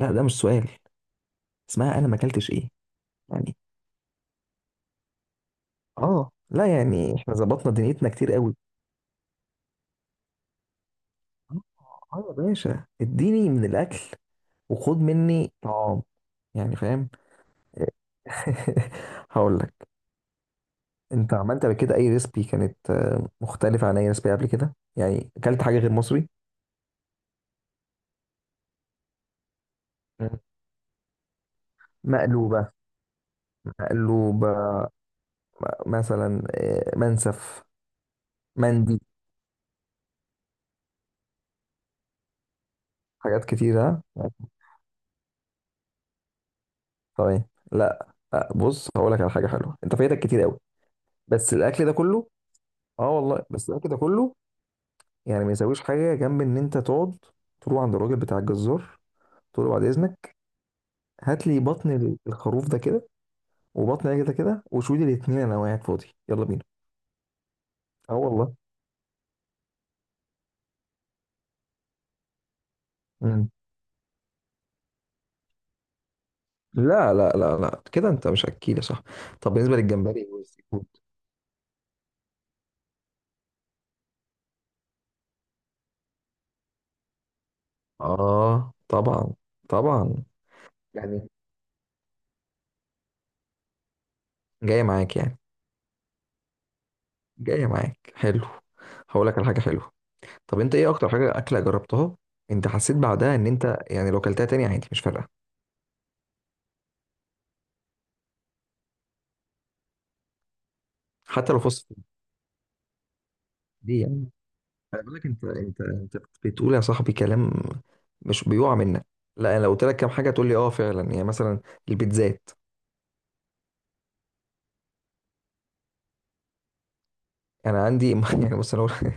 لا، ده مش سؤال. اسمها انا ما اكلتش ايه؟ يعني. اه، لا يعني احنا ظبطنا دنيتنا كتير قوي. اه. يا باشا، اديني من الاكل وخد مني طعام. يعني، فاهم؟ هقول لك. انت عملت قبل كده اي ريسبي كانت مختلفه عن اي ريسبي قبل كده؟ يعني اكلت حاجه غير مصري؟ مم. مقلوبه. مقلوبه. مثلا، منسف، مندي. حاجات كتيره. طيب. لا. لا، بص، هقول لك على حاجه حلوه انت فايتك كتير قوي. بس الاكل ده كله. اه والله، بس الاكل ده كله. يعني، ما يساويش حاجه جنب ان انت تقعد تروح عند الراجل بتاع الجزار، تقول له: بعد اذنك، هات لي بطن الخروف ده كده، وبطن ده كده كده، وشوي لي الاتنين، انا قاعد فاضي، يلا بينا. اه والله. مم. لا لا لا لا، كده انت مش اكيل يا صاحبي. طب، بالنسبه للجمبري والسي فود؟ اه، طبعا. طبعا. يعني. جايه معاك يعني. جايه معاك، حلو. هقول لك على حاجه حلوه. طب انت ايه اكتر حاجه اكله جربتها؟ انت حسيت بعدها ان انت، يعني، لو اكلتها تاني عادي مش فارقه؟ حتى لو فزت. ليه يعني؟ انا بقول لك انت بتقول يا صاحبي كلام مش بيقع منك. لا، انا لو قلت لك كام حاجه تقول لي اه فعلا، يعني مثلا البيتزات. انا عندي يعني، بص،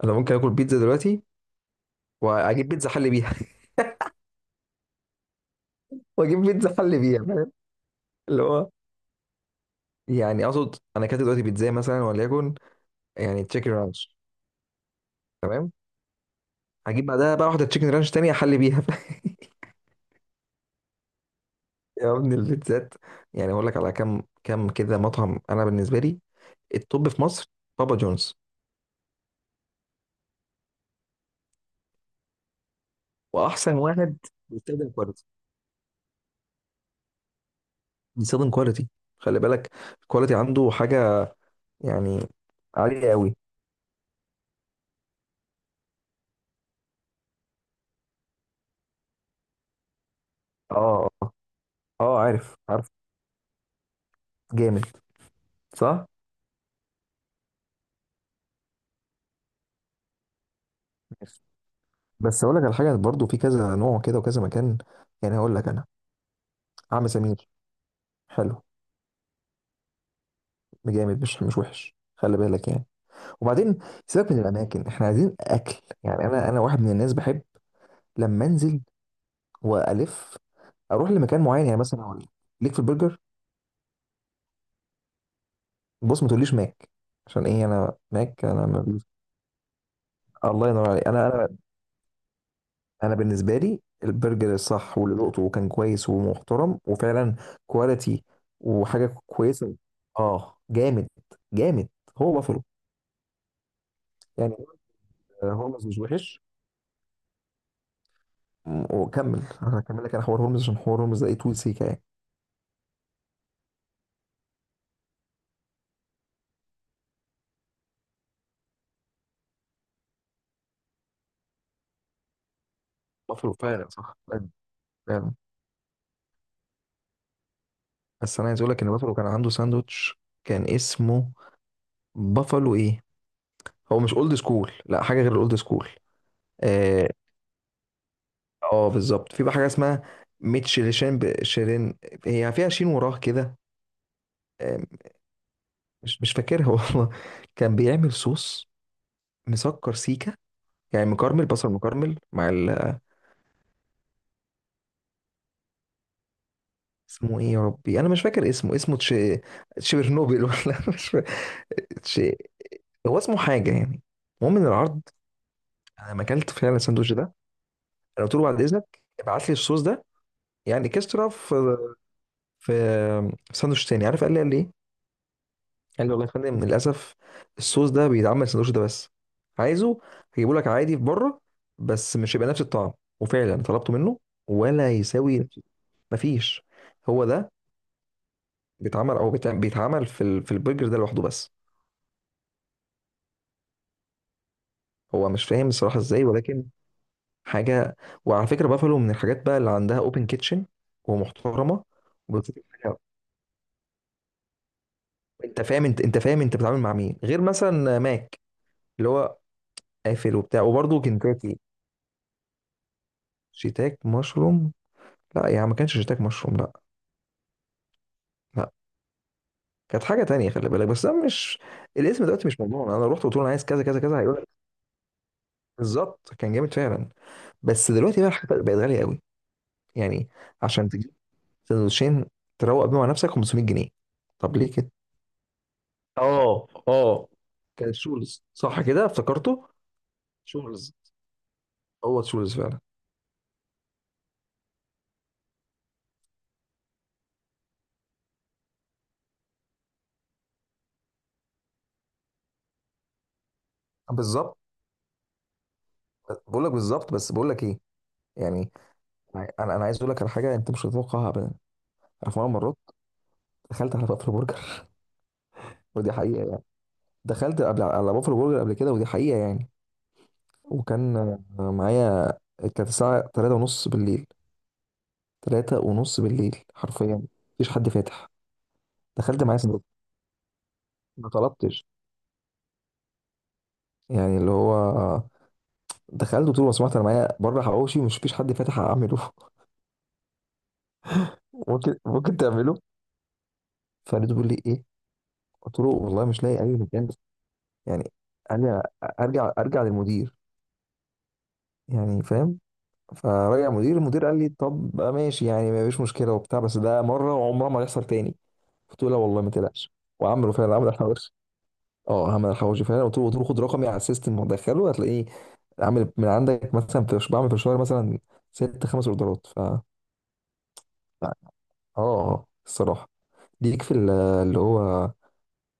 انا ممكن اكل بيتزا دلوقتي واجيب بيتزا حل بيها. واجيب بيتزا حل بيها، فاهم؟ اللي هو، يعني اقصد، انا اكلت دلوقتي بيتزا مثلا وليكن، يعني تشيكن رانش. تمام. هجيب بعدها بقى واحده تشيكن رانش تانية احل بيها. يا ابني البيتزات. يعني اقول لك على كم كم كده مطعم انا بالنسبه لي التوب في مصر: بابا جونز. واحسن واحد بيستخدم كواليتي. بيستخدم كواليتي، خلي بالك، الكواليتي عنده حاجه يعني عاليه قوي. اه، اه. اه عارف عارف. جامد. صح. ماشي. بس اقول لك على حاجه، برضو في كذا نوع كده وكذا مكان، يعني هقول لك انا: عم سمير. حلو. جامد، مش وحش، خلي بالك يعني. وبعدين، سيبك من الاماكن، احنا عايزين اكل. يعني، انا واحد من الناس بحب لما انزل والف اروح لمكان معين، يعني مثلا اقول لك، ليك في البرجر. بص، ما تقوليش ماك. عشان ايه؟ انا ماك، انا ما... الله ينور عليك. انا انا بالنسبه لي البرجر الصح، واللي ذقته وكان كويس ومحترم وفعلا كواليتي وحاجه كويسه. اه، جامد. جامد. هو بافلو. يعني، هولمز مش وحش. وكمل، انا هكمل لك انا حوار هولمز، عشان حوار هولمز ده ايه، طول سيكه يعني. بافلو فعلا صح فعلا. فعلا. بس انا عايز اقول لك ان بافلو كان عنده ساندوتش كان اسمه بافلو ايه. هو مش اولد سكول، لا حاجه غير الاولد سكول. اه. بالظبط، في بقى حاجه اسمها ميتشيلشين شيرين، هي فيها شين وراه كده. آه، مش فاكرها والله. كان بيعمل صوص مسكر سيكا، يعني مكرمل، بصل مكرمل مع ال... اسمه ايه يا ربي، انا مش فاكر اسمه تش... تشيرنوبل، ولا مش فاكر. تش... هو اسمه حاجه يعني. المهم من العرض، انا ما اكلت فعلا الساندوتش ده. انا قلت له: بعد اذنك، ابعت لي الصوص ده، يعني كسرة في ساندوتش تاني، عارف؟ قال لي ايه؟ قال لي: والله يا فندم، للاسف الصوص ده بيتعمل السندوتش ده بس، عايزه هجيبه لك عادي في بره بس مش هيبقى نفس الطعم. وفعلا طلبته منه ولا يساوي نفس. مفيش. هو ده بيتعمل، او بيتعمل في البرجر ده لوحده بس. هو مش فاهم الصراحه ازاي، ولكن حاجه. وعلى فكره، بافالو من الحاجات بقى اللي عندها اوبن كيتشن ومحترمه. وبتقدم حاجة- انت فاهم، انت فاهم انت بتتعامل مع مين غير مثلا ماك، اللي هو قافل وبتاع، وبرده كنتاكي. شيتاك مشروم. لا يعني، ما كانش شتاك مشروم، لا. لا. كانت حاجه تانية، خلي بالك، بس ده مش الاسم دلوقتي، مش موضوع. انا رحت قلت له انا عايز كذا كذا كذا، هيقول لك بالظبط. كان جامد فعلا. بس دلوقتي بقى الحاجات بقت غاليه قوي، يعني عشان تجيب سندوتشين تروق بيهم على نفسك 500 جنيه. طب ليه كده؟ اه اه. كان شولز، صح كده، افتكرته. شولز. هو شولز فعلا. بالظبط، بقول لك بالظبط، بس بقول لك ايه، يعني انا انا عايز اقول لك على حاجه انت مش هتتوقعها ابدا. انا في مره مرات دخلت على بافلو برجر. ودي حقيقه، دخلت قبل على بافلو برجر قبل كده، ودي حقيقة يعني. وكان معايا، كانت الساعة تلاتة ونص بالليل. تلاتة ونص بالليل حرفيا. مفيش حد فاتح. دخلت معايا سندوتش، ما طلبتش. يعني اللي هو دخلت وقلت له: لو سمحت، انا معايا بره حواوشي ومش فيش حد فاتح اعمله، ممكن تعمله؟ فلقيته بيقول لي ايه. قلت له: والله مش لاقي اي مكان، بس. يعني قال لي: ارجع للمدير، يعني فاهم. فرجع المدير، قال لي: طب ماشي، يعني ما فيش مشكله وبتاع، بس ده مره وعمره ما هيحصل تاني. قلت له: لا والله، ما تقلقش. وعمله فعلا، عمل الحواوشي. اه، عمل الحواوشي فعلا. قلت له: خد رقمي على السيستم ودخله هتلاقيه عامل من عندك، مثلا في بعمل في الشهر مثلا ست خمس اوردرات ف... لا. اه. الصراحه، ليك في اللي هو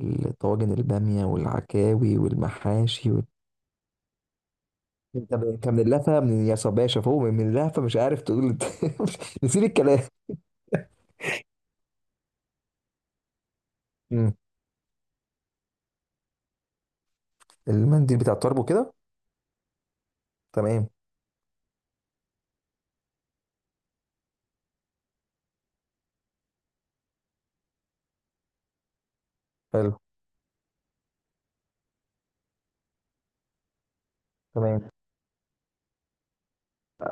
الطواجن، الباميه والعكاوي والمحاشي وال... انت من، اللهفه من يا صباشا فوق، من اللهفه مش عارف تقول انت. نسيت الكلام. مم. المنديل بتاع الطرب وكده. تمام. حلو. تمام.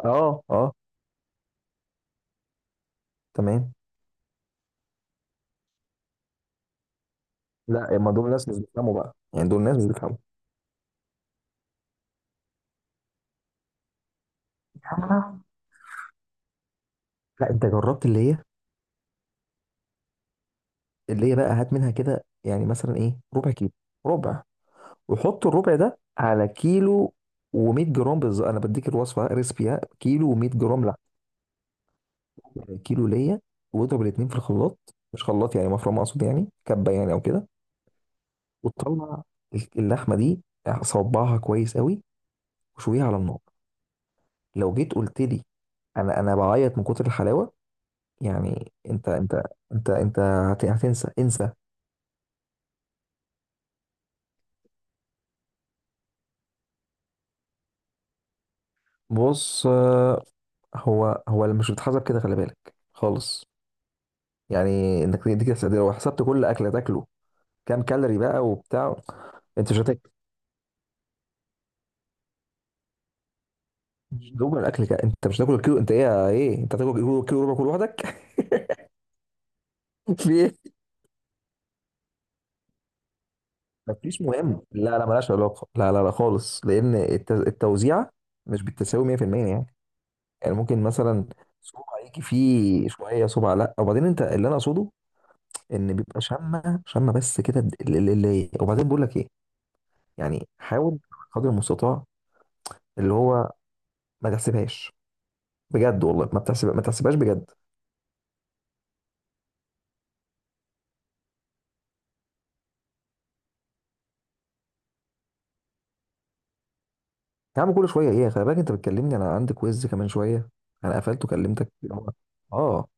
اه اه. تمام. لا، ما دول ناس مش بيفهموا بقى، يعني دول ناس مش بيفهموا. آه. لا، انت جربت اللي هي، اللي هي بقى، هات منها كده يعني مثلا ايه، ربع كيلو. ربع، وحط الربع ده على كيلو و100 جرام بالظبط. انا بديك الوصفه، ريسبيها كيلو و100 جرام لحمه، كيلو ليا. واضرب الاثنين في الخلاط، مش خلاط يعني مفرمه، اقصد يعني كبه، يعني او كده. وتطلع اللحمه دي، صبعها كويس قوي وشويها على النار. لو جيت قلت لي، انا بعيط من كتر الحلاوه. يعني، انت هتنسى انسى. بص هو اللي مش بتحسب كده، خلي بالك خالص. يعني انك دي كده تقدير، لو حسبت كل اكله تاكله كام كالوري بقى وبتاع. انت مش هتاكل، مش هتاكل الاكل كده. انت مش هتاكل كيلو، انت ايه ايه، انت هتاكل كيلو ربع كل لوحدك. في ايه؟ مفيش مهم، لا لا ملهاش علاقه، لا لا لا خالص، لان التوزيعه مش بالتساوي 100%. يعني يعني ممكن مثلا صبع يجي فيه شويه صبع، لا، وبعدين انت اللي انا اقصده ان بيبقى شامه شامه بس كده اللي اللي. وبعدين بقول لك ايه، يعني حاول قدر المستطاع اللي هو ما تحسبهاش، بجد والله ما بتحسب، ما تحسبهاش بجد. يا عم، كل شويه ايه، خلي بالك، انت بتكلمني انا عندي كويز كمان شويه. انا قفلت وكلمتك، اللي هو اه،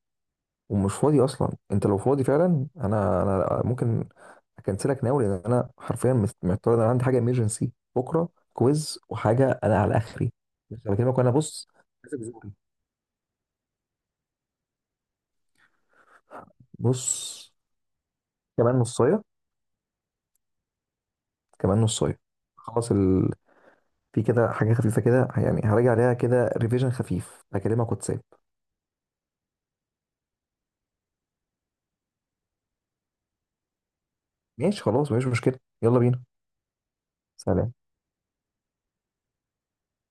ومش فاضي اصلا. انت لو فاضي فعلا، انا ممكن اكنسلك، ناوي، لان انا حرفيا محتار، إن انا عندي حاجه ايمرجنسي بكره، كويز وحاجه، انا على اخري. بس بكلمك وانا بص، ماسك زوري. بص. كمان نص. كمان نصايه، خلاص ال... في كده حاجه خفيفه كده، يعني هراجع عليها كده ريفيجن خفيف، هكلمك واتساب. ماشي، خلاص، مفيش مشكله. يلا بينا. سلام.